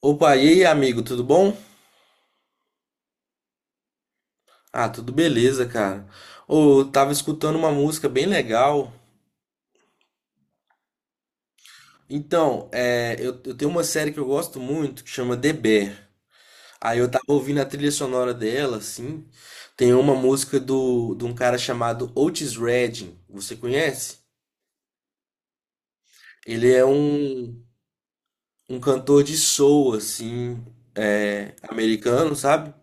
Opa, e aí, amigo, tudo bom? Ah, tudo beleza, cara. Ô, eu tava escutando uma música bem legal. Então eu tenho uma série que eu gosto muito que chama The Bear. Aí eu tava ouvindo a trilha sonora dela, assim. Tem uma música de um cara chamado Otis Redding. Você conhece? Ele é um, um cantor de soul, assim, americano, sabe?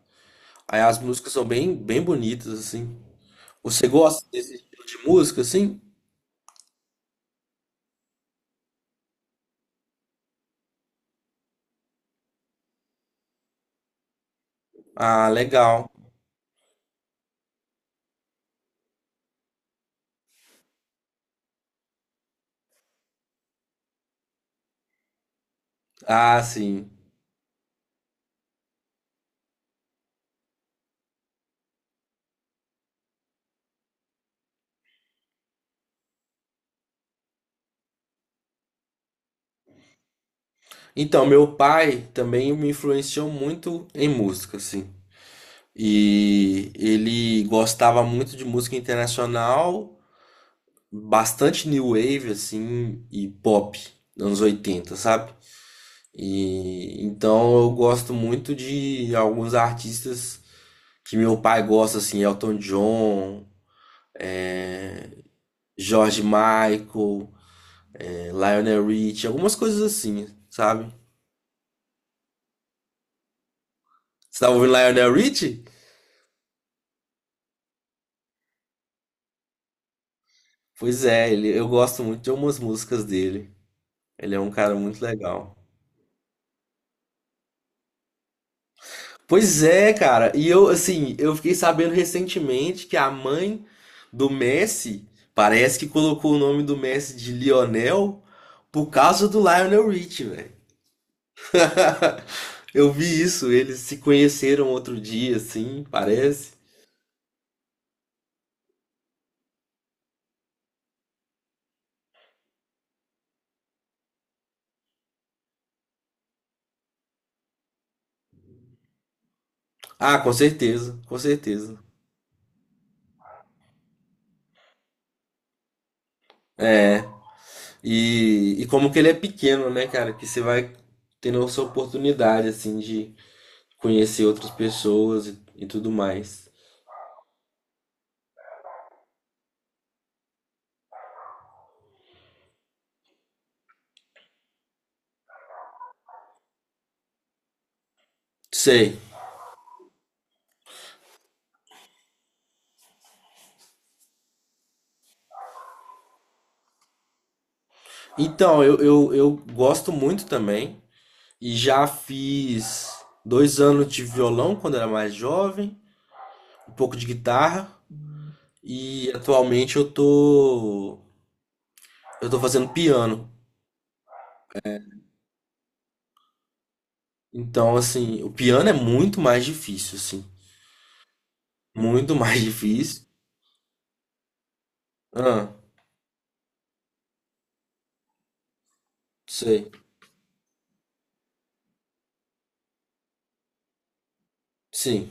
Aí as músicas são bem, bem bonitas, assim. Você gosta desse tipo de música, assim? Ah, legal. Ah, sim. Então, meu pai também me influenciou muito em música, assim. E ele gostava muito de música internacional, bastante new wave, assim, e pop, anos 80, sabe? E então eu gosto muito de alguns artistas que meu pai gosta, assim, Elton John, George Michael, Lionel Richie, algumas coisas assim, sabe? Você tava ouvindo Lionel Richie? Pois é, ele, eu gosto muito de algumas músicas dele. Ele é um cara muito legal. Pois é, cara. E eu, assim, eu fiquei sabendo recentemente que a mãe do Messi parece que colocou o nome do Messi de Lionel por causa do Lionel Richie, velho. Eu vi isso, eles se conheceram outro dia, assim, parece. Ah, com certeza, com certeza. É, e como que ele é pequeno, né, cara? Que você vai tendo essa oportunidade, assim, de conhecer outras pessoas e tudo mais. Sei. Então eu gosto muito também. E já fiz 2 anos de violão quando era mais jovem, um pouco de guitarra. E atualmente eu tô. Eu tô fazendo piano. Então, assim, o piano é muito mais difícil, assim. Muito mais difícil. Ah, sei. Sim,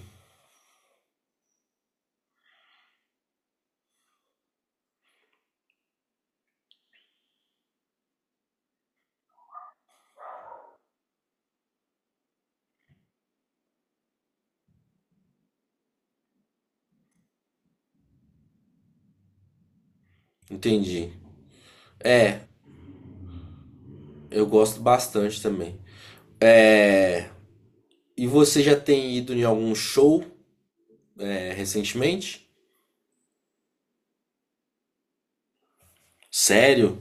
entendi. Eu gosto bastante também. É... E você já tem ido em algum show, recentemente? Sério?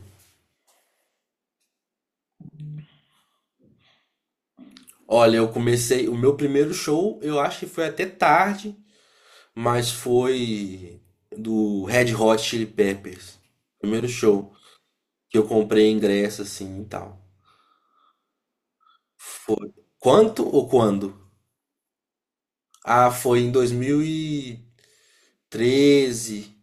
Olha, eu comecei. O meu primeiro show, eu acho que foi até tarde, mas foi do Red Hot Chili Peppers. Primeiro show que eu comprei ingresso assim e tal. Foi. Quanto ou quando? Ah, foi em 2013. E treze.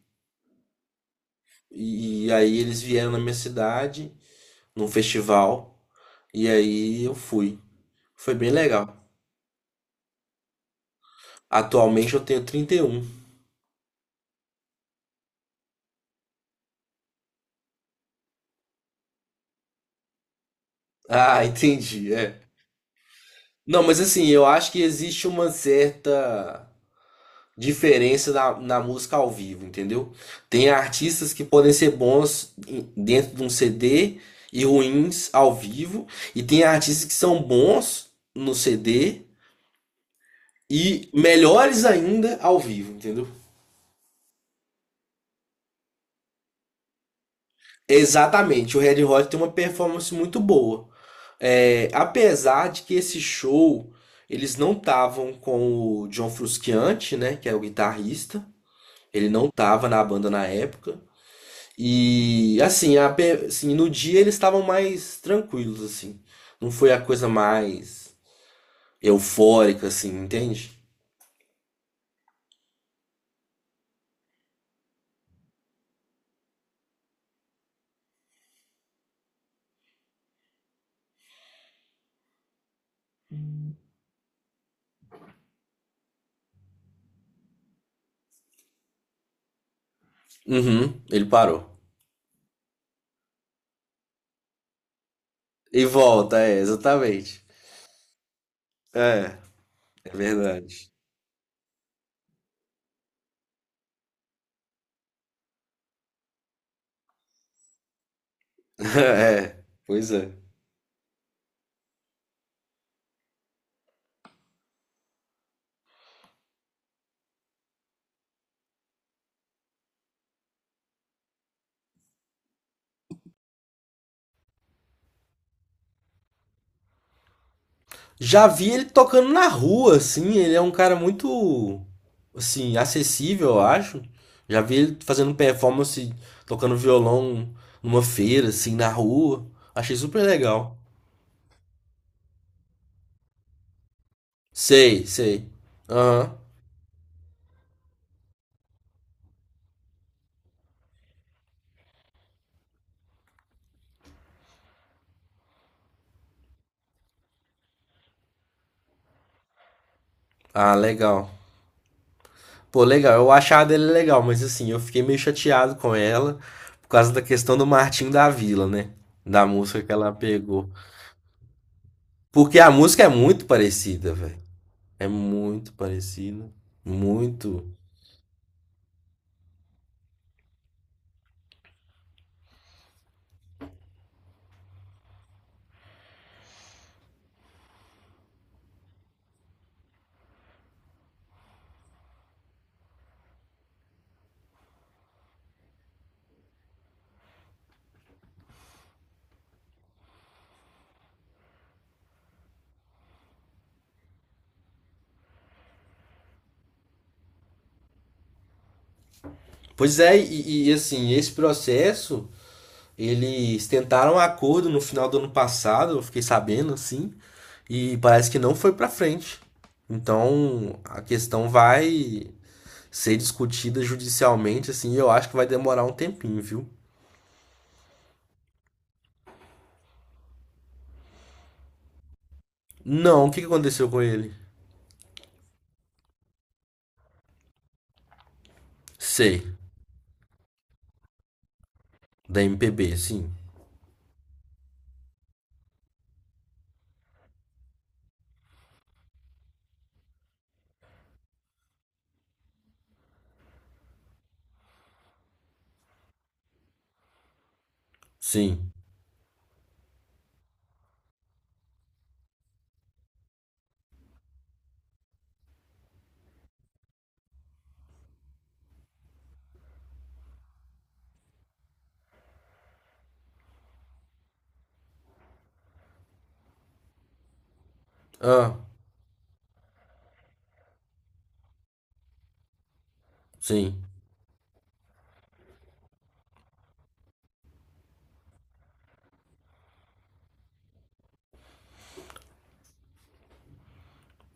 E aí eles vieram na minha cidade, num festival, e aí eu fui. Foi bem legal. Atualmente eu tenho 31. Ah, entendi, é. Não, mas assim, eu acho que existe uma certa diferença na música ao vivo, entendeu? Tem artistas que podem ser bons em- dentro de um CD e ruins ao vivo, e tem artistas que são bons no CD e melhores ainda ao vivo, entendeu? Exatamente, o Red Hot tem uma performance muito boa. É, apesar de que esse show eles não estavam com o John Frusciante, né, que é o guitarrista. Ele não tava na banda na época. E assim, a pe- assim, no dia eles estavam mais tranquilos, assim. Não foi a coisa mais eufórica, assim, entende? Uhum, ele parou. E volta, é, exatamente. É, é verdade. É, pois é. Já vi ele tocando na rua, assim. Ele é um cara muito, assim, acessível, eu acho. Já vi ele fazendo performance, tocando violão numa feira, assim, na rua. Achei super legal. Sei, sei. Aham. Ah, legal. Pô, legal. Eu achava dele legal, mas assim, eu fiquei meio chateado com ela por causa da questão do Martinho da Vila, né? Da música que ela pegou. Porque a música é muito parecida, velho. É muito parecida. Muito. Pois é, assim, esse processo, eles tentaram um acordo no final do ano passado, eu fiquei sabendo assim, e parece que não foi para frente. Então, a questão vai ser discutida judicialmente, assim, e eu acho que vai demorar um tempinho, viu? Não, o que que aconteceu com ele? Sei, da MPB, sim. Sim. Ah, sim.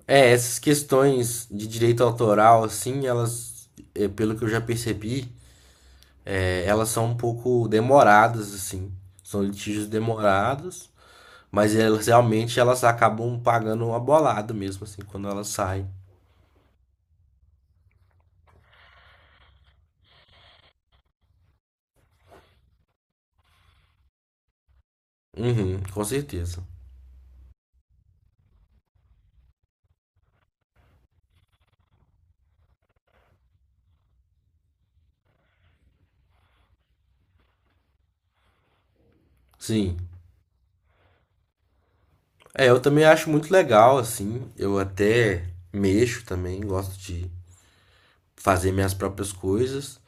É, essas questões de direito autoral, assim, elas, pelo que eu já percebi, é, elas são um pouco demoradas, assim. São litígios demorados, mas elas realmente elas acabam pagando uma bolada mesmo, assim, quando elas saem. Uhum, com certeza. Sim. É, eu também acho muito legal, assim. Eu até mexo também, gosto de fazer minhas próprias coisas.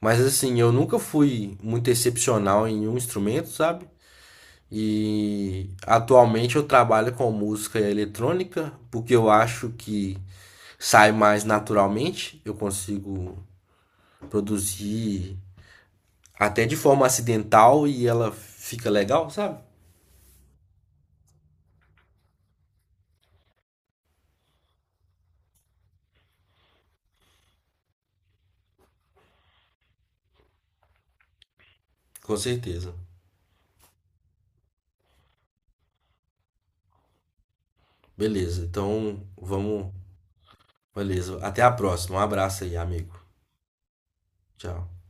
Mas assim, eu nunca fui muito excepcional em um instrumento, sabe? E atualmente eu trabalho com música eletrônica, porque eu acho que sai mais naturalmente, eu consigo produzir até de forma acidental e ela fica legal, sabe? Com certeza. Beleza, então vamos. Beleza, até a próxima. Um abraço aí, amigo. Tchau.